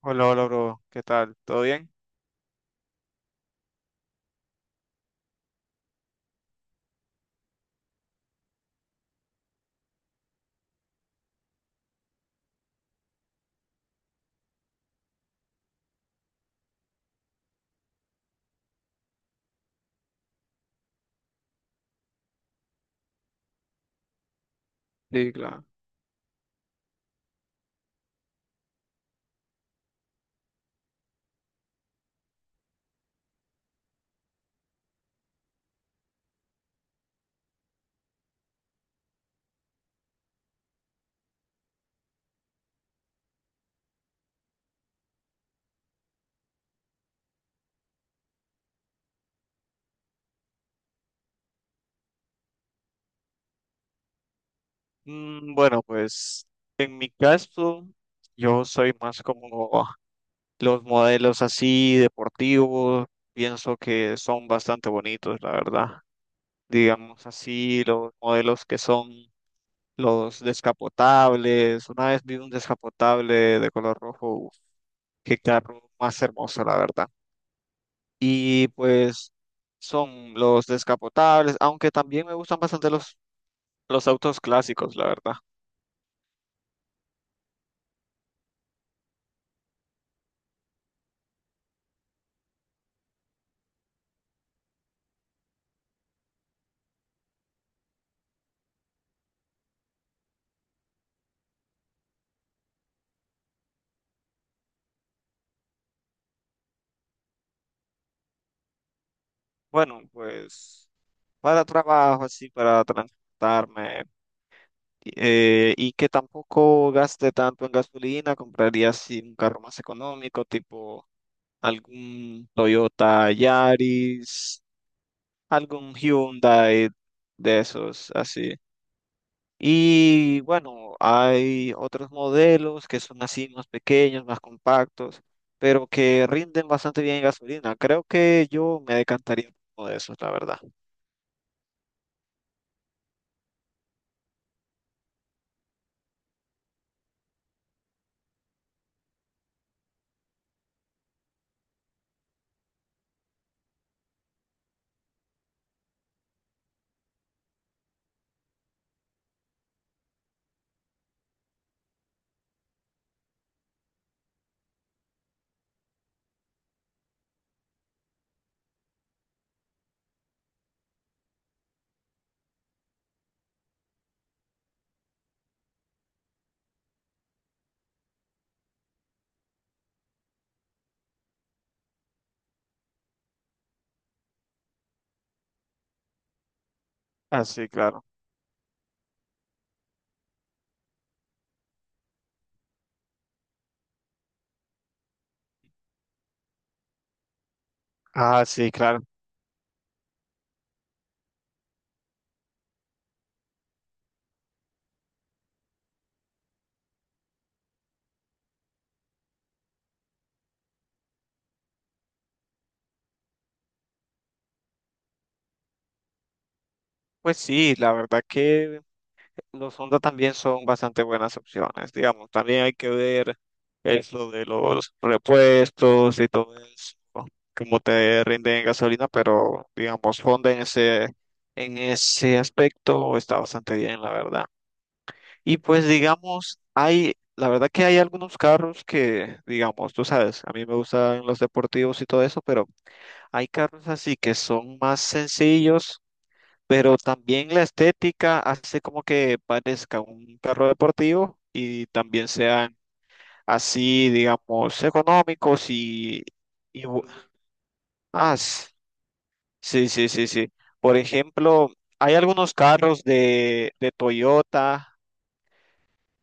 Hola, hola, bro. ¿Qué tal? ¿Todo bien? Sí, claro. Mm, bueno, pues en mi caso, yo soy más como los modelos así deportivos. Pienso que son bastante bonitos, la verdad. Digamos así, los modelos que son los descapotables. Una vez vi un descapotable de color rojo. Uf, qué carro más hermoso, la verdad. Y pues son los descapotables, aunque también me gustan bastante los los autos clásicos, la verdad. Bueno, pues para trabajo, así, para transportarme y que tampoco gaste tanto en gasolina, compraría así un carro más económico, tipo algún Toyota Yaris, algún Hyundai de esos, así. Y bueno, hay otros modelos que son así más pequeños, más compactos, pero que rinden bastante bien en gasolina. Creo que yo me decantaría por uno de esos, la verdad. Ah, sí, claro. Ah, sí, claro. Pues sí, la verdad que los Honda también son bastante buenas opciones, digamos. También hay que ver es lo de los repuestos y todo eso, cómo te rinden en gasolina, pero digamos, Honda en ese aspecto está bastante bien, la verdad. Y pues digamos, hay, la verdad que hay algunos carros que, digamos, tú sabes, a mí me gustan los deportivos y todo eso, pero hay carros así que son más sencillos, pero también la estética hace como que parezca un carro deportivo y también sean así, digamos, económicos y, y bu- ah, s- sí, sí, sí, sí. Por ejemplo, hay algunos carros de Toyota,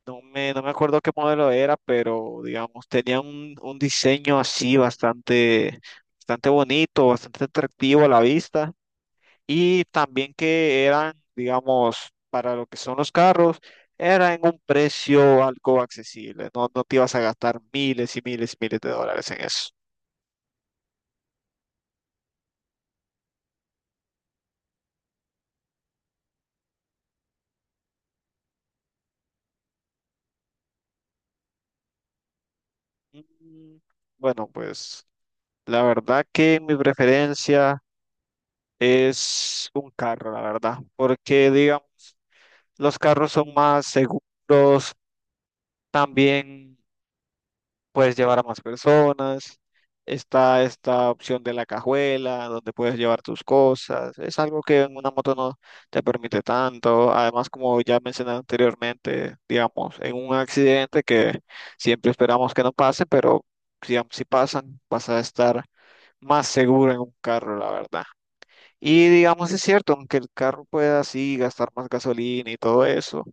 no me acuerdo qué modelo era, pero digamos, tenían un diseño así bastante, bastante bonito, bastante atractivo a la vista. Y también que eran, digamos, para lo que son los carros, era en un precio algo accesible, no, no te ibas a gastar miles y miles y miles de dólares en eso. Mm, bueno, pues la verdad que mi preferencia es un carro, la verdad, porque digamos, los carros son más seguros, también puedes llevar a más personas. Está esta opción de la cajuela, donde puedes llevar tus cosas. Es algo que en una moto no te permite tanto. Además, como ya mencioné anteriormente, digamos, en un accidente que siempre esperamos que no pase, pero digamos, si pasan, vas a estar más seguro en un carro, la verdad. Y digamos, es cierto, aunque el carro pueda así gastar más gasolina y todo eso,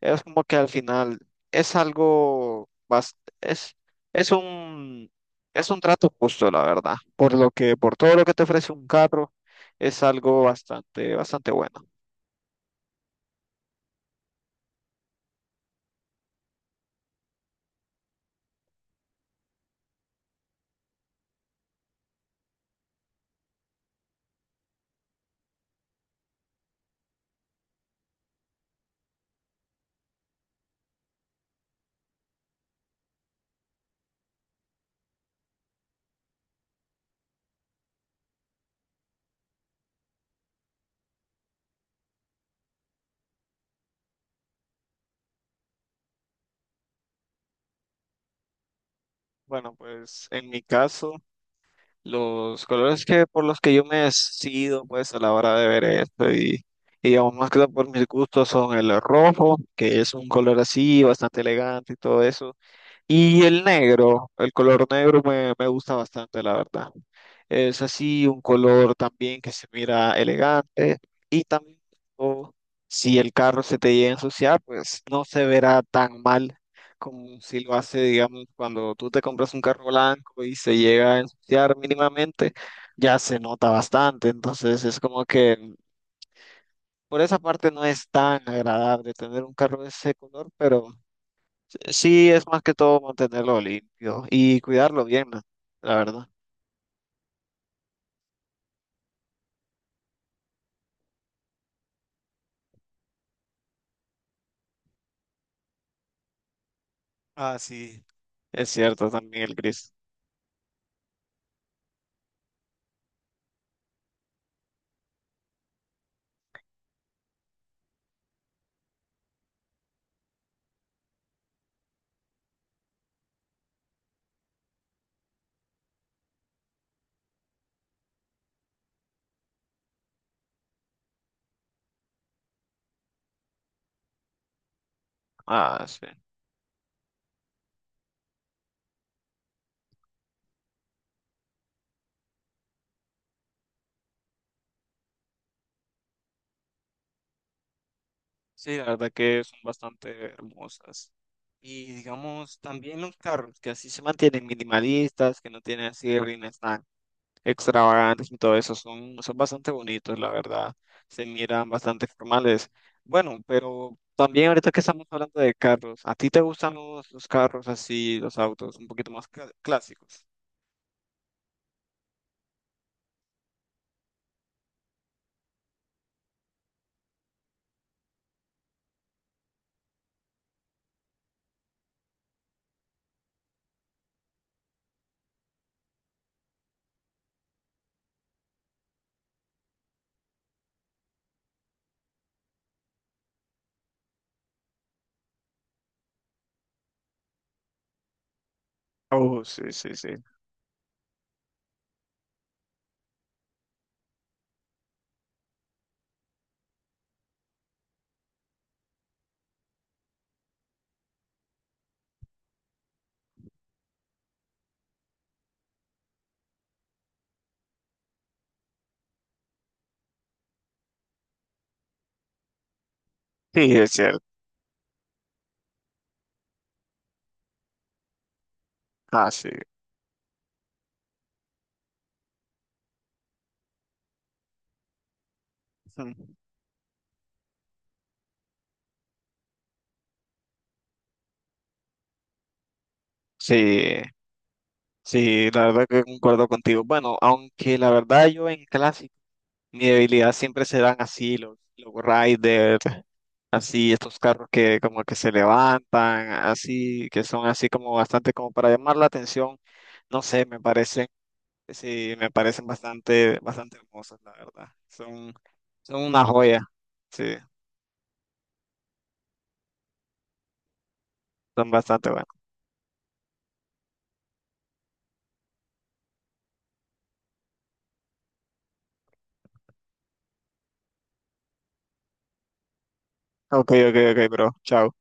es como que al final es algo, es, es un, es un trato justo, la verdad. Por lo que, por todo lo que te ofrece un carro, es algo bastante, bastante bueno. Bueno, pues en mi caso, los colores que por los que yo me decido, pues a la hora de ver esto y digamos, más que todo por mis gustos son el rojo, que es un color así, bastante elegante y todo eso. Y el negro, el color negro me, me gusta bastante, la verdad. Es así un color también que se mira elegante y también o, si el carro se te llega a ensuciar, pues no se verá tan mal como si lo hace, digamos, cuando tú te compras un carro blanco y se llega a ensuciar mínimamente, ya se nota bastante. Entonces es como que por esa parte no es tan agradable tener un carro de ese color, pero... Sí, es más que todo mantenerlo limpio y cuidarlo bien, ¿no? La verdad. Ah, sí. Es cierto, también el gris. Ah, sí. Sí, la verdad que son bastante hermosas. Y digamos, también los carros que así se mantienen minimalistas, que no tienen así rines tan extravagantes y todo eso, son, son bastante bonitos, la verdad. Se miran bastante formales. Bueno, pero también ahorita que estamos hablando de carros, ¿a ti te gustan los carros así, los autos un poquito más clásicos? Oh, sí, sí, sí. Sí, es cierto. Ah, sí. Mm. Sí, sí, la verdad que concuerdo contigo. Bueno, aunque la verdad yo en clásico, mi debilidad siempre serán así, los riders, así estos carros que como que se levantan, así, que son así como bastante como para llamar la atención. No sé, me parecen, sí, me parecen bastante, bastante hermosos, la verdad. Son, son una joya. Sí, son bastante buenos. Ok, ok, ok, bro. Chao.